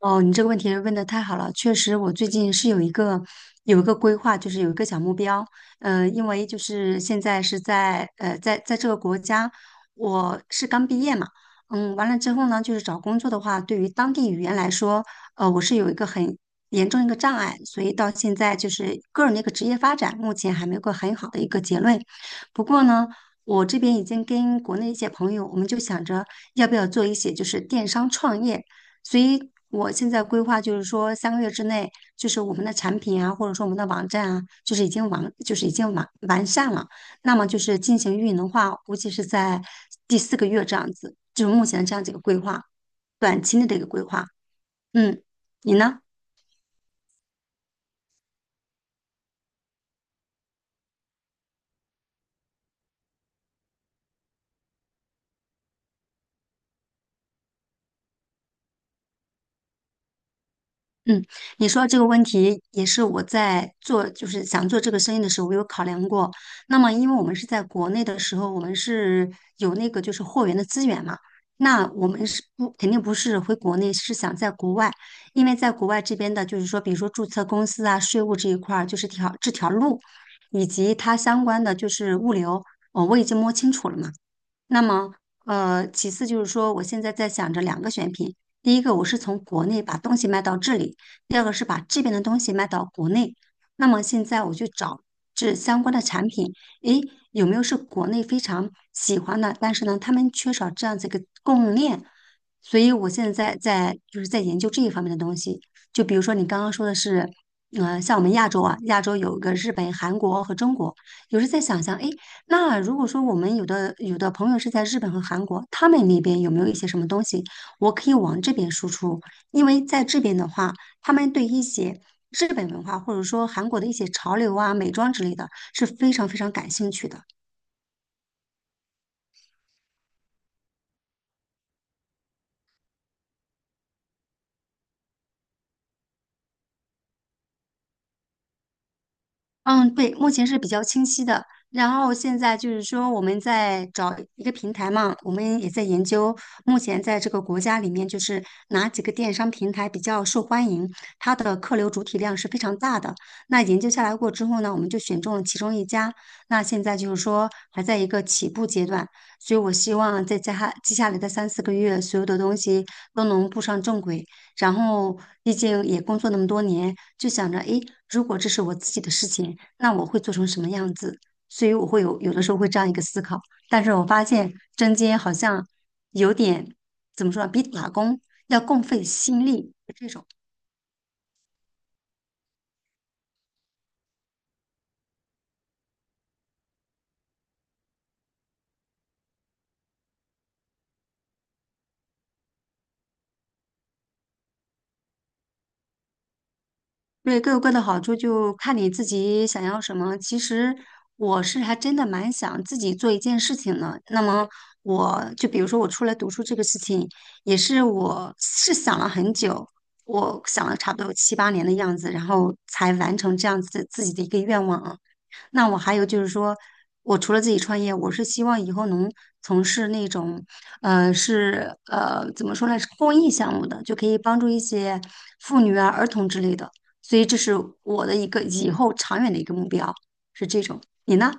哦，你这个问题问的太好了，确实，我最近是有一个规划，就是有一个小目标。因为就是现在是在这个国家，我是刚毕业嘛。完了之后呢，就是找工作的话，对于当地语言来说，我是有一个很严重一个障碍，所以到现在就是个人的一个职业发展，目前还没有个很好的一个结论。不过呢，我这边已经跟国内一些朋友，我们就想着要不要做一些就是电商创业。所以我现在规划就是说，3个月之内，就是我们的产品啊，或者说我们的网站啊，就是已经完善了。那么就是进行运营的话，估计是在第四个月这样子，就是目前这样子一个规划，短期内的一个规划。嗯，你呢？嗯，你说这个问题也是我在做，就是想做这个生意的时候，我有考量过。那么，因为我们是在国内的时候，我们是有那个就是货源的资源嘛，那我们是不肯定不是回国内，是想在国外，因为在国外这边的，就是说，比如说注册公司啊、税务这一块儿，就是这条路，以及它相关的就是物流，哦，我已经摸清楚了嘛。那么，其次就是说，我现在在想着两个选品，第一个我是从国内把东西卖到这里，第二个是把这边的东西卖到国内。那么现在我去找这相关的产品，诶，有没有是国内非常喜欢的，但是呢，他们缺少这样子一个供应链，所以我现在在研究这一方面的东西。就比如说你刚刚说的是，像我们亚洲啊，亚洲有一个日本、韩国和中国。有时在想想，哎，那如果说我们有的朋友是在日本和韩国，他们那边有没有一些什么东西，我可以往这边输出？因为在这边的话，他们对一些日本文化或者说韩国的一些潮流啊、美妆之类的是非常非常感兴趣的。嗯，对，目前是比较清晰的。然后现在就是说，我们在找一个平台嘛，我们也在研究，目前在这个国家里面，就是哪几个电商平台比较受欢迎，它的客流主体量是非常大的。那研究下来过之后呢，我们就选中了其中一家。那现在就是说还在一个起步阶段，所以我希望在接下来的3、4个月，所有的东西都能步上正轨。然后，毕竟也工作那么多年，就想着，诶，如果这是我自己的事情。那我会做成什么样子？所以我会有的时候会这样一个思考，但是我发现针尖好像有点怎么说呢，比打工要更费心力这种。对，各有各的好处，就看你自己想要什么。其实我是还真的蛮想自己做一件事情的。那么我就比如说我出来读书这个事情，也是我是想了很久，我想了差不多有7、8年的样子，然后才完成这样子自己的一个愿望啊。那我还有就是说，我除了自己创业，我是希望以后能从事那种，怎么说呢，是公益项目的，就可以帮助一些妇女啊、儿童之类的。所以这是我的一个以后长远的一个目标，是这种。你呢？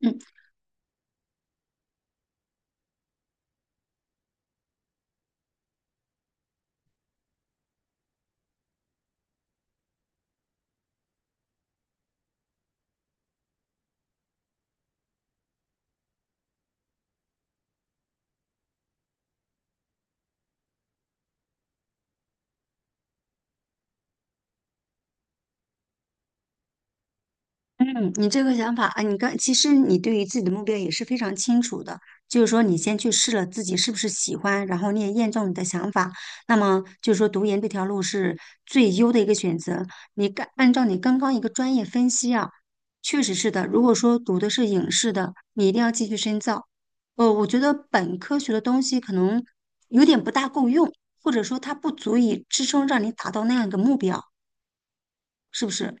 嗯。嗯，你这个想法啊，其实你对于自己的目标也是非常清楚的，就是说你先去试了自己是不是喜欢，然后你也验证你的想法，那么就是说读研这条路是最优的一个选择。按照你刚刚一个专业分析啊，确实是的。如果说读的是影视的，你一定要继续深造。我觉得本科学的东西可能有点不大够用，或者说它不足以支撑让你达到那样一个目标，是不是？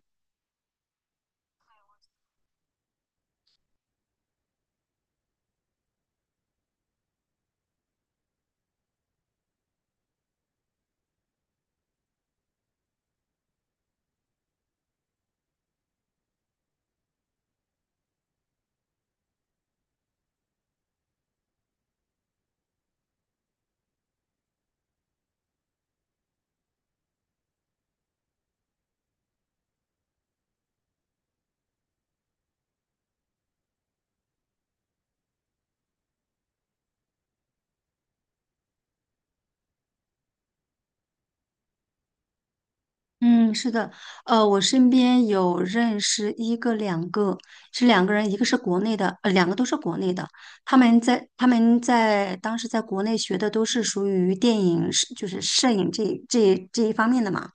嗯，是的，我身边有认识一个两个，是两个人，一个是国内的，两个都是国内的。他们在当时在国内学的都是属于电影，就是摄影这一方面的嘛。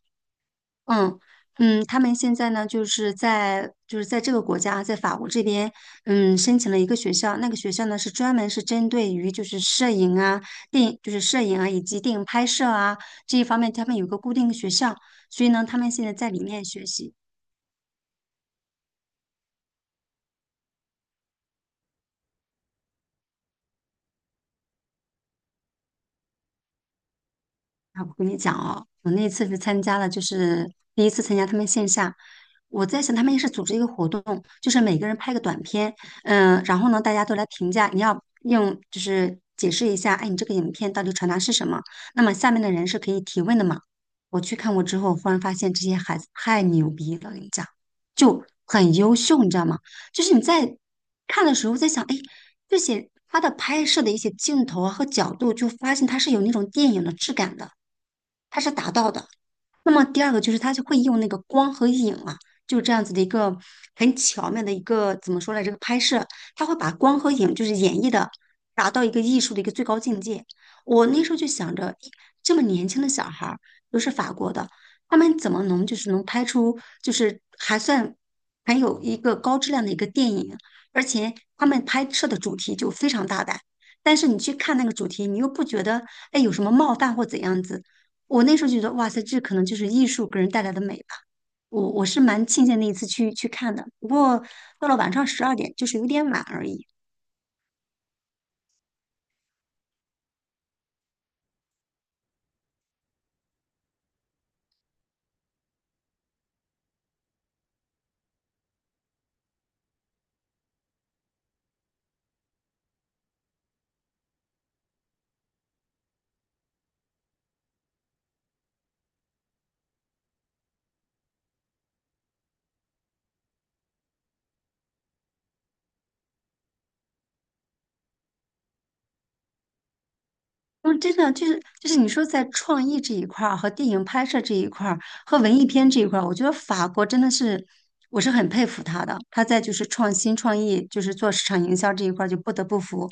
嗯他们现在呢，就是在这个国家，在法国这边，申请了一个学校，那个学校呢是专门是针对于就是摄影啊、电影就是摄影啊以及电影拍摄啊这一方面，他们有个固定的学校，所以呢，他们现在在里面学习。啊，我跟你讲哦，我那次是参加了，就是第一次参加他们线下。我在想，他们也是组织一个活动，就是每个人拍个短片，然后呢，大家都来评价，你要用就是解释一下，哎，你这个影片到底传达是什么？那么下面的人是可以提问的嘛？我去看过之后，忽然发现这些孩子太牛逼了，我跟你讲，就很优秀，你知道吗？就是你在看的时候在想，哎，这些他的拍摄的一些镜头啊和角度，就发现他是有那种电影的质感的。它是达到的。那么第二个就是他就会用那个光和影啊，就是这样子的一个很巧妙的一个怎么说来这个拍摄，他会把光和影就是演绎的达到一个艺术的一个最高境界。我那时候就想着，诶这么年轻的小孩儿，又是法国的，他们怎么能就是能拍出就是还算很有一个高质量的一个电影，而且他们拍摄的主题就非常大胆。但是你去看那个主题，你又不觉得哎有什么冒犯或怎样子，我那时候觉得，哇塞，这可能就是艺术给人带来的美吧。我是蛮庆幸那一次去看的，不过到了晚上12点，就是有点晚而已。嗯，真的就是你说在创意这一块儿和电影拍摄这一块儿和文艺片这一块儿，我觉得法国真的是我是很佩服他的。他在就是创新创意，就是做市场营销这一块儿就不得不服。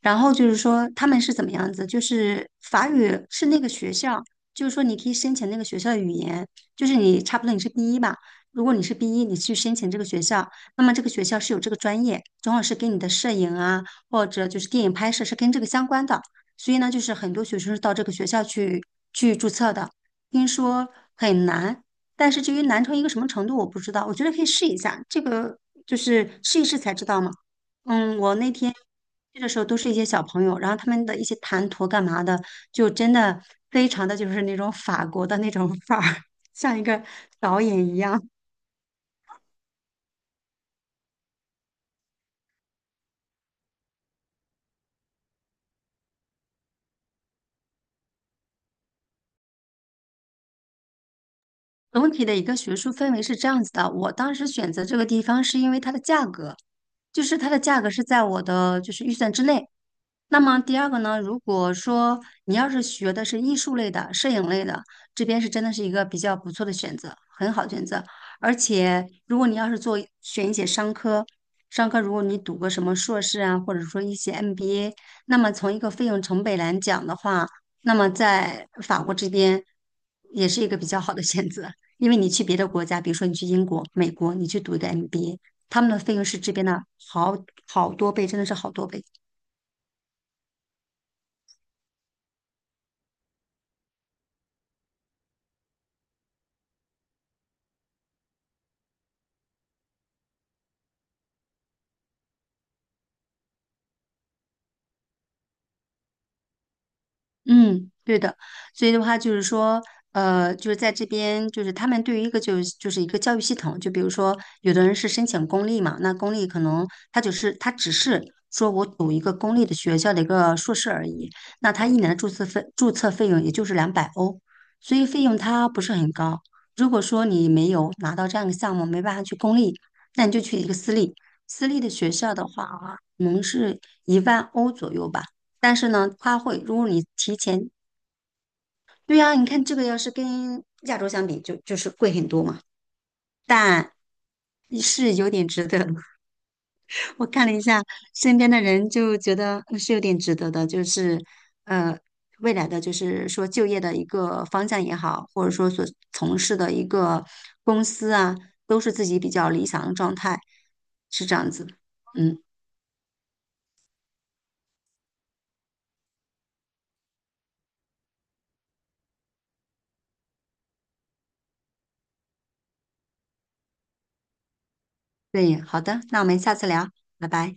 然后就是说他们是怎么样子，就是法语是那个学校，就是说你可以申请那个学校的语言，就是你差不多你是 B 一吧，如果你是 B 一，你去申请这个学校，那么这个学校是有这个专业，正好是跟你的摄影啊或者就是电影拍摄是跟这个相关的。所以呢，就是很多学生是到这个学校去注册的。听说很难，但是至于难成一个什么程度，我不知道。我觉得可以试一下，这个就是试一试才知道嘛。我那天去的时候都是一些小朋友，然后他们的一些谈吐干嘛的，就真的非常的就是那种法国的那种 范儿，像一个导演一样。总体的一个学术氛围是这样子的，我当时选择这个地方是因为它的价格，就是它的价格是在我的就是预算之内，那么第二个呢，如果说你要是学的是艺术类的、摄影类的，这边是真的是一个比较不错的选择，很好的选择。而且，如果你要是选一些商科，商科如果你读个什么硕士啊，或者说一些 MBA,那么从一个费用成本来讲的话，那么在法国这边也是一个比较好的选择，因为你去别的国家，比如说你去英国、美国，你去读一个 MBA,他们的费用是这边的好好多倍，真的是好多倍。嗯，对的，所以的话就是说，就是在这边，就是他们对于一个就是一个教育系统，就比如说，有的人是申请公立嘛，那公立可能他只是说我读一个公立的学校的一个硕士而已，那他一年的注册费用也就是200欧，所以费用它不是很高。如果说你没有拿到这样一个项目，没办法去公立，那你就去一个私立，私立的学校的话啊，可能是1万欧左右吧。但是呢，它会如果你提前，对呀，你看这个要是跟亚洲相比就，就是贵很多嘛，但是有点值得。我看了一下身边的人，就觉得是有点值得的，就是呃，未来的就是说就业的一个方向也好，或者说所从事的一个公司啊，都是自己比较理想的状态，是这样子。嗯，对，好的，那我们下次聊，拜拜。